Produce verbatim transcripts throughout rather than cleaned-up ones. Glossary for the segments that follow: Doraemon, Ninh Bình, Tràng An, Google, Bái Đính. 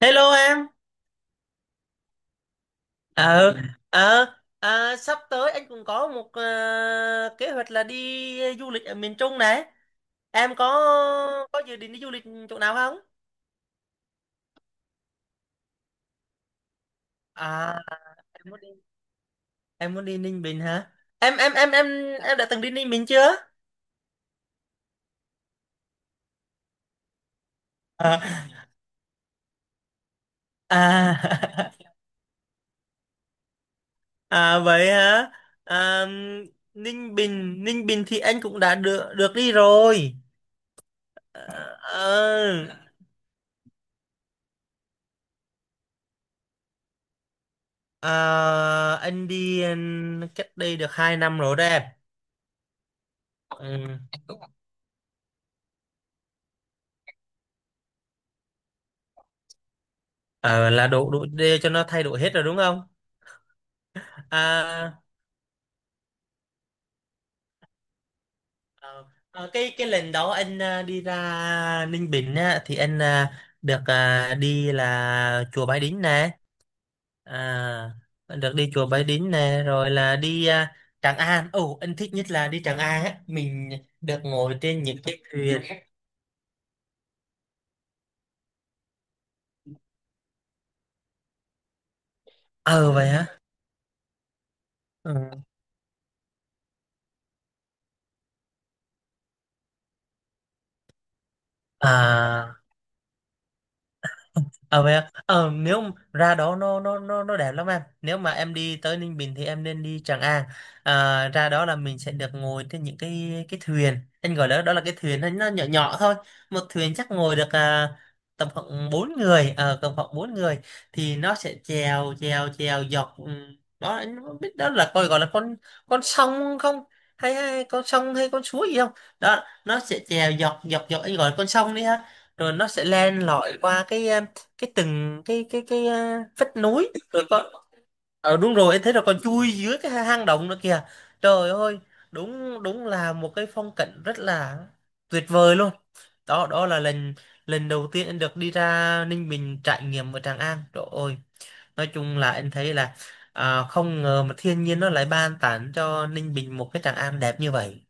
Hello em. Ờ, Ừ. ờ, à, Sắp tới anh cũng có một ờ, kế hoạch là đi du lịch ở miền Trung này. Em có có dự định đi du lịch chỗ nào không? À, em muốn đi em muốn đi Ninh Bình hả? Em em em em em đã từng đi Ninh Bình chưa? À, à, à vậy hả? À, Ninh Bình, Ninh Bình thì anh cũng đã được được đi rồi. Ờ, ờ, à, anh đi ừ, cách đây được hai năm rồi đó em. Ừ. Ờ, là đủ đủ để cho nó thay đổi hết rồi đúng không? À, ờ, ờ, cái cái lần đó anh à, đi ra Ninh Bình á, thì anh à, được à, đi là chùa Bái Đính nè, à, được đi chùa Bái Đính nè, rồi là đi à, Tràng An. Ồ, anh thích nhất là đi Tràng An á, mình được ngồi trên những chiếc thuyền. Ờ vậy hả? Ừ. À. ờ vậy à? Ờ Nếu mà ra đó nó nó nó nó đẹp lắm em, nếu mà em đi tới Ninh Bình thì em nên đi Tràng An. À, ra đó là mình sẽ được ngồi trên những cái cái thuyền, anh gọi đó đó là cái thuyền, nó nó nhỏ nhỏ thôi. Một thuyền chắc ngồi được à, tầm khoảng bốn người, ờ tầm khoảng bốn người thì nó sẽ chèo chèo chèo dọc. ừ, Đó anh không biết đó là coi gọi là con con sông không, hay, hay con sông hay con suối gì không. Đó nó sẽ chèo dọc dọc dọc, anh gọi là con sông đi ha, rồi nó sẽ len lỏi qua cái cái từng cái cái cái à, vách núi rồi con. Ờ đúng rồi em, thấy là còn chui dưới cái hang động nữa kìa, trời ơi, đúng đúng là một cái phong cảnh rất là tuyệt vời luôn. Đó đó là lần lần đầu tiên anh được đi ra Ninh Bình trải nghiệm ở Tràng An, trời ơi, nói chung là anh thấy là à, không ngờ mà thiên nhiên nó lại ban tặng cho Ninh Bình một cái Tràng An đẹp như vậy.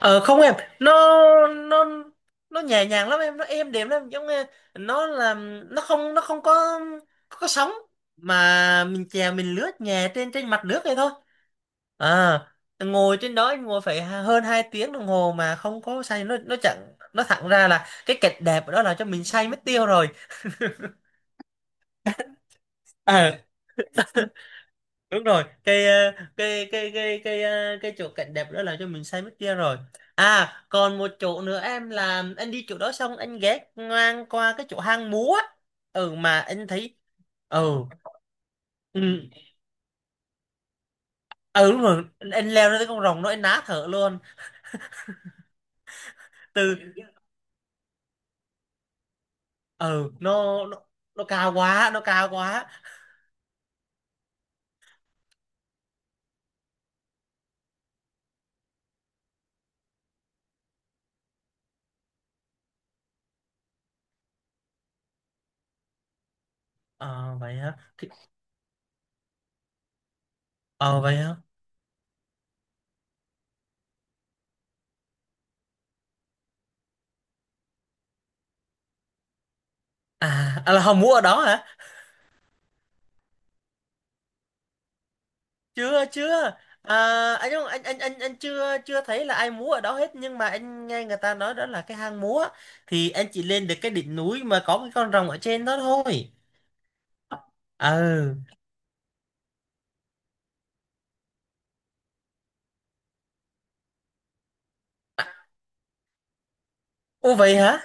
Ờ không em, nó nó nó nhẹ nhàng lắm em, nó êm đềm lắm, giống như nó là nó không nó không có có sóng, mà mình chèo mình lướt nhẹ trên trên mặt nước này thôi. À, ngồi trên đó em ngồi phải h- hơn hai tiếng đồng hồ mà không có say. nó nó chẳng, nó thẳng ra là cái cảnh đẹp ở đó là cho mình say mất tiêu rồi. Đúng rồi, cái ờ, cái cái cái cái ờ, cái chỗ cảnh đẹp đó là cho mình say mất kia rồi. À, còn một chỗ nữa em, là anh đi chỗ đó xong anh ghé ngang qua cái chỗ hang múa á. Ừ mà anh thấy. ừ ừ ừ Đúng rồi, anh leo ra tới con rồng nó anh ná thở luôn. từ ừ, nó nó, nó cao quá nó cao quá. Ờ vậy hả Thì- ờ vậy hả À, à là hồng múa ở đó hả? Chưa chưa. à, anh không, anh anh anh anh chưa chưa thấy là ai múa ở đó hết, nhưng mà anh nghe người ta nói đó là cái hang múa, thì anh chỉ lên được cái đỉnh núi mà có cái con rồng ở trên đó thôi. Ừ. À, ô vậy hả?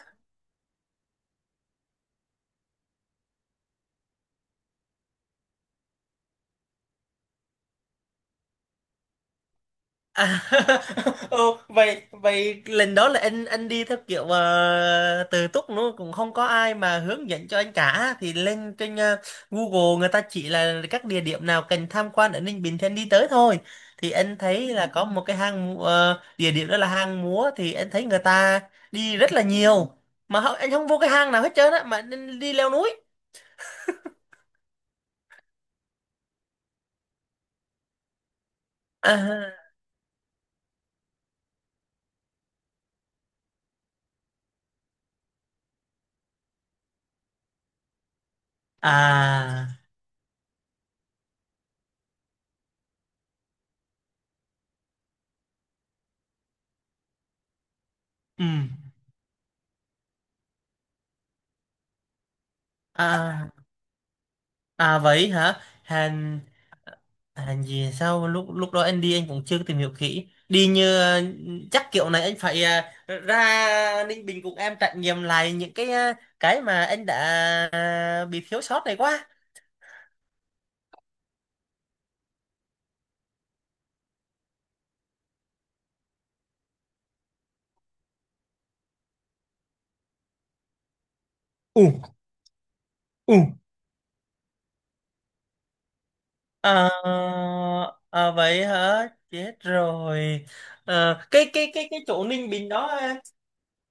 À, ô, vậy vậy lần đó là anh anh đi theo kiểu uh, tự túc luôn, cũng không có ai mà hướng dẫn cho anh cả, thì lên trên ờ, Google người ta chỉ là các địa điểm nào cần tham quan ở Ninh Bình thì anh đi tới thôi. Thì anh thấy là có một cái hang mu- ờ, địa điểm đó là hang múa, thì anh thấy người ta đi rất là nhiều, mà hông- anh không vô cái hang nào hết trơn á, mà anh đi leo núi. à, à ừ à À vậy hả? Hàn Hàn gì, sao lúc lúc đó anh đi anh cũng chưa tìm hiểu kỹ. Đi như ờ, chắc kiểu này anh phải ờ, ra Ninh Bình cùng em trải nghiệm lại những cái ờ, cái mà anh đã ờ, bị thiếu sót này quá. Ừ, ừ. Ờ, ờ, Vậy hả? Chết rồi. Ờ, cái cái cái cái chỗ Ninh Bình đó em.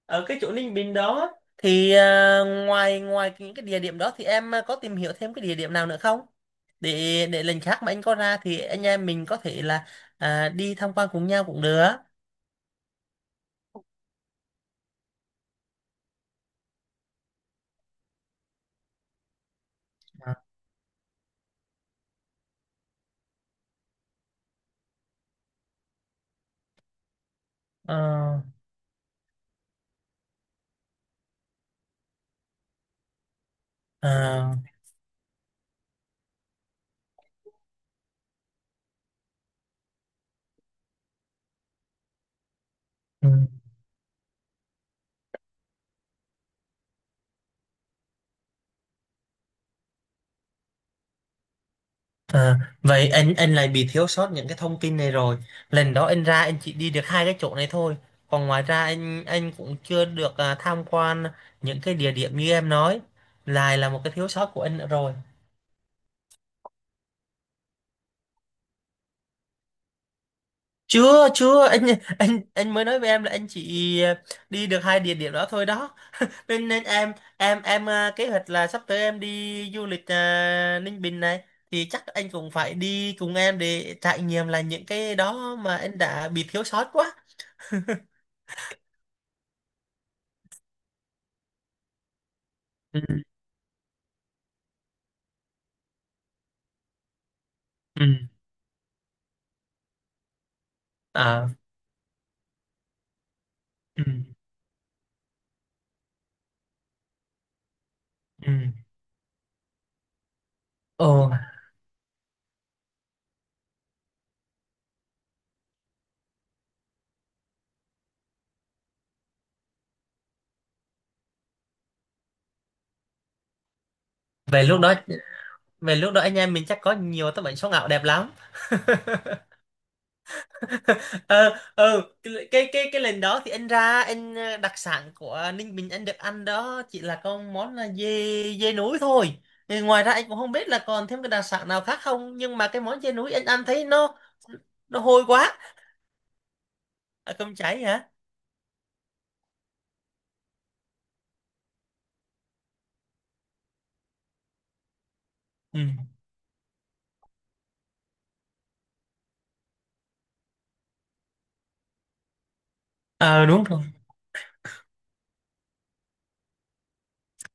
Ở cái chỗ Ninh Bình đó thì ờ, ngoài ngoài những cái địa điểm đó thì em ờ, có tìm hiểu thêm cái địa điểm nào nữa không? Để để lần khác mà anh có ra thì anh em mình có thể là à, đi tham quan cùng nhau cũng được. Ờ, ờ, ừ. À, vậy anh anh lại bị thiếu sót những cái thông tin này rồi. Lần đó anh ra anh chỉ đi được hai cái chỗ này thôi. Còn ngoài ra anh anh cũng chưa được à, tham quan những cái địa điểm như em nói. Lại là một cái thiếu sót của anh nữa rồi. Chưa chưa anh, anh anh mới nói với em là anh chỉ à, đi được hai địa điểm đó thôi đó. Nên, nên em em em à, kế hoạch là sắp tới em đi du lịch à, Ninh Bình này, thì chắc anh cũng phải đi cùng em để trải nghiệm là những cái đó mà anh đã bị thiếu sót quá. Ừ à ừ ừ ồ Về lúc đó, về lúc đó anh em mình chắc có nhiều tấm ảnh số ngạo đẹp lắm. ờ ờ cái cái cái cái lần đó thì anh ra anh, ờ, đặc sản của Ninh Bình anh được ăn đó chỉ là con món là dê dê núi thôi. Thì ngoài ra anh cũng không biết là còn thêm cái đặc sản nào khác không, nhưng mà cái món dê núi anh ăn thấy nó nó hôi quá. À, cơm cháy hả? ừ à, Đúng rồi.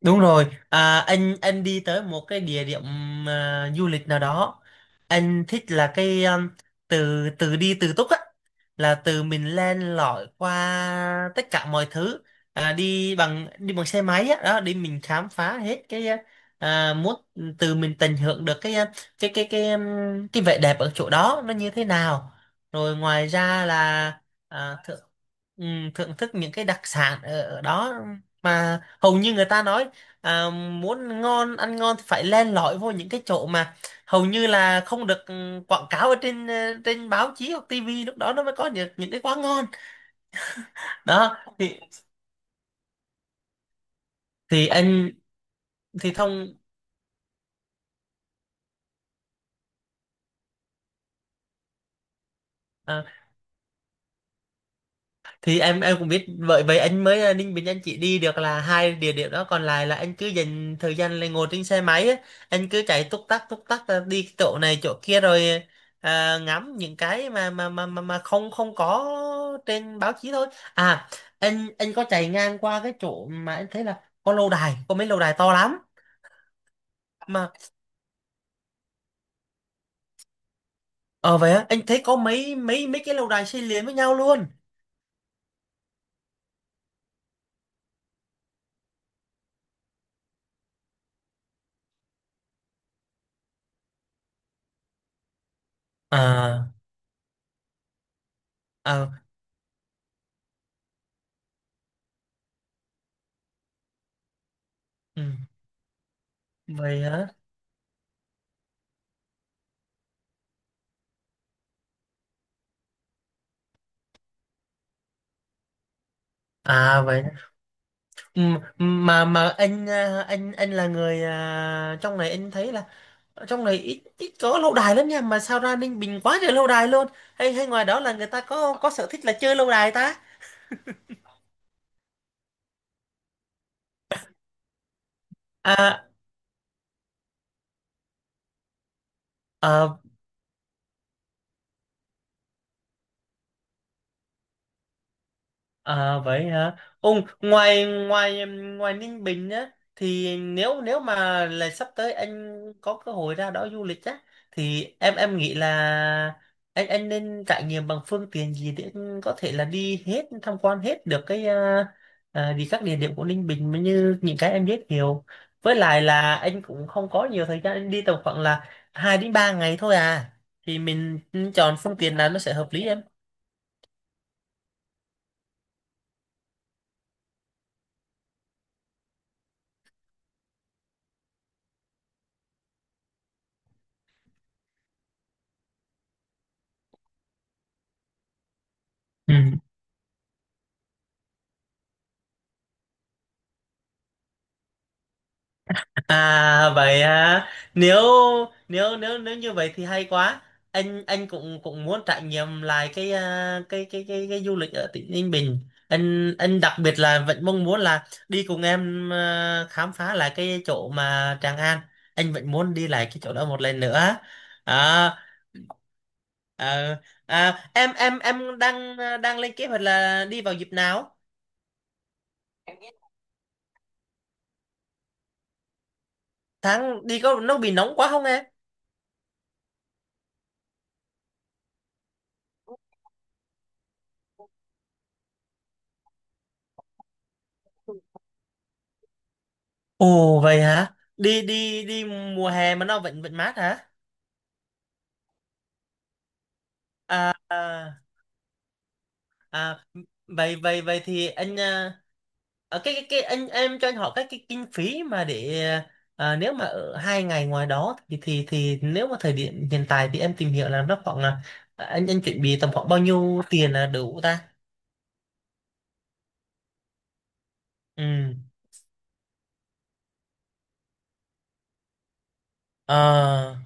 Đúng rồi, à, anh anh đi tới một cái địa điểm à, du lịch nào đó, anh thích là cái um, từ từ đi từ túc á, là từ mình len lỏi qua tất cả mọi thứ, à, đi bằng đi bằng xe máy á, đó, đi mình khám phá hết cái à, muốn từ mình tận hưởng được cái à, cái cái cái um, cái vẻ đẹp ở chỗ đó nó như thế nào. Rồi ngoài ra là à, thưởng, ừ, thưởng thức những cái đặc sản ở, ở đó, mà hầu như người ta nói, À, muốn ngon ăn ngon thì phải len lỏi vô những cái chỗ mà hầu như là không được ừ, quảng cáo ở trên ờ, trên báo chí hoặc tivi, lúc đó nó mới có được những cái quán ngon. Đó thì thì anh thì thông ờ, thì em em cũng biết vậy, vậy anh mới à, Ninh Bình anh chỉ đi được là hai địa điểm đó, còn lại là anh cứ dành thời gian là ngồi trên xe máy á, anh cứ chạy túc tắc túc tắc, à, đi chỗ này chỗ kia, rồi à, ngắm những cái mà mà mà mà, mà không không có trên báo chí thôi. à anh anh có chạy ngang qua cái chỗ mà anh thấy là có lâu đài, có mấy lâu đài to lắm mà. ờ Vậy á, anh thấy có mấy mấy mấy cái lâu đài xây liền với nhau luôn. À à ừ, vậy hả à vậy Ừ, mà mà anh à, anh anh là người à, trong này, anh thấy là ở trong này ít ít có lâu đài lắm nha, mà sao ra Ninh Bình quá trời lâu đài luôn, hay hay ngoài đó là người ta có có sở thích là chơi lâu đài ta. à, à À vậy hả? Ông ngoài ngoài ngoài Ninh Bình á, thì nếu nếu mà là sắp tới anh có cơ hội ra đó du lịch á, thì em em nghĩ là anh anh nên trải nghiệm bằng phương tiện gì để anh có thể là đi hết tham quan hết được cái à, à, đi các địa điểm của Ninh Bình mà như những cái em biết nhiều. Với lại là anh cũng không có nhiều thời gian, anh đi tầm khoảng là hai đến ba ngày thôi à. Thì mình chọn phương tiện nào nó sẽ hợp lý em. Ừ. À vậy à, nếu nếu nếu nếu như vậy thì hay quá. Anh anh cũng cũng muốn trải nghiệm lại cái à, cái cái cái cái du lịch ở tỉnh Ninh Bình. Anh anh đặc biệt là vẫn mong muốn là đi cùng em à, khám phá lại cái chỗ mà Tràng An, anh vẫn muốn đi lại cái chỗ đó một lần nữa. à, à, à em em em đang à, đang lên kế hoạch là đi vào dịp nào. Tháng đi có nó bị nóng quá không? Ồ vậy hả? Đi đi đi mùa hè mà nó vẫn vẫn mát hả? À, à Vậy vậy vậy thì anh, à, à, cái, cái cái anh em cho anh hỏi các cái kinh phí mà để à, nếu mà ở hai ngày ngoài đó thì thì thì nếu mà thời điểm hiện tại thì em tìm hiểu là nó khoảng là à, anh anh chuẩn bị tầm khoảng bao nhiêu tiền là đủ ta? Ừ. À,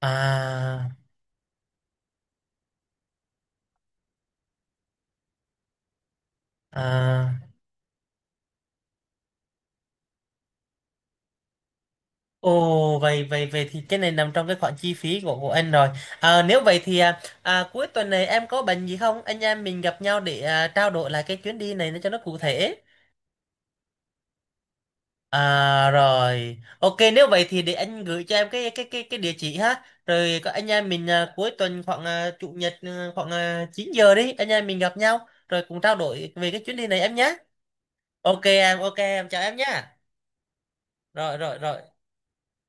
à, à. Ồ vậy vậy vậy thì cái này nằm trong cái khoản chi phí của của anh rồi. À, nếu vậy thì à, à, cuối tuần này em có bệnh gì không? Anh em mình gặp nhau để à, trao đổi lại cái chuyến đi này nó cho nó cụ thể. À rồi. Ok, nếu vậy thì để anh gửi cho em cái cái cái cái địa chỉ ha. Rồi có anh em mình à, cuối tuần khoảng à, chủ nhật à, khoảng à, chín giờ đi, anh em mình gặp nhau rồi cùng trao đổi về cái chuyến đi này em nhé. Ok em, ok em, chào em nhé. Rồi rồi rồi.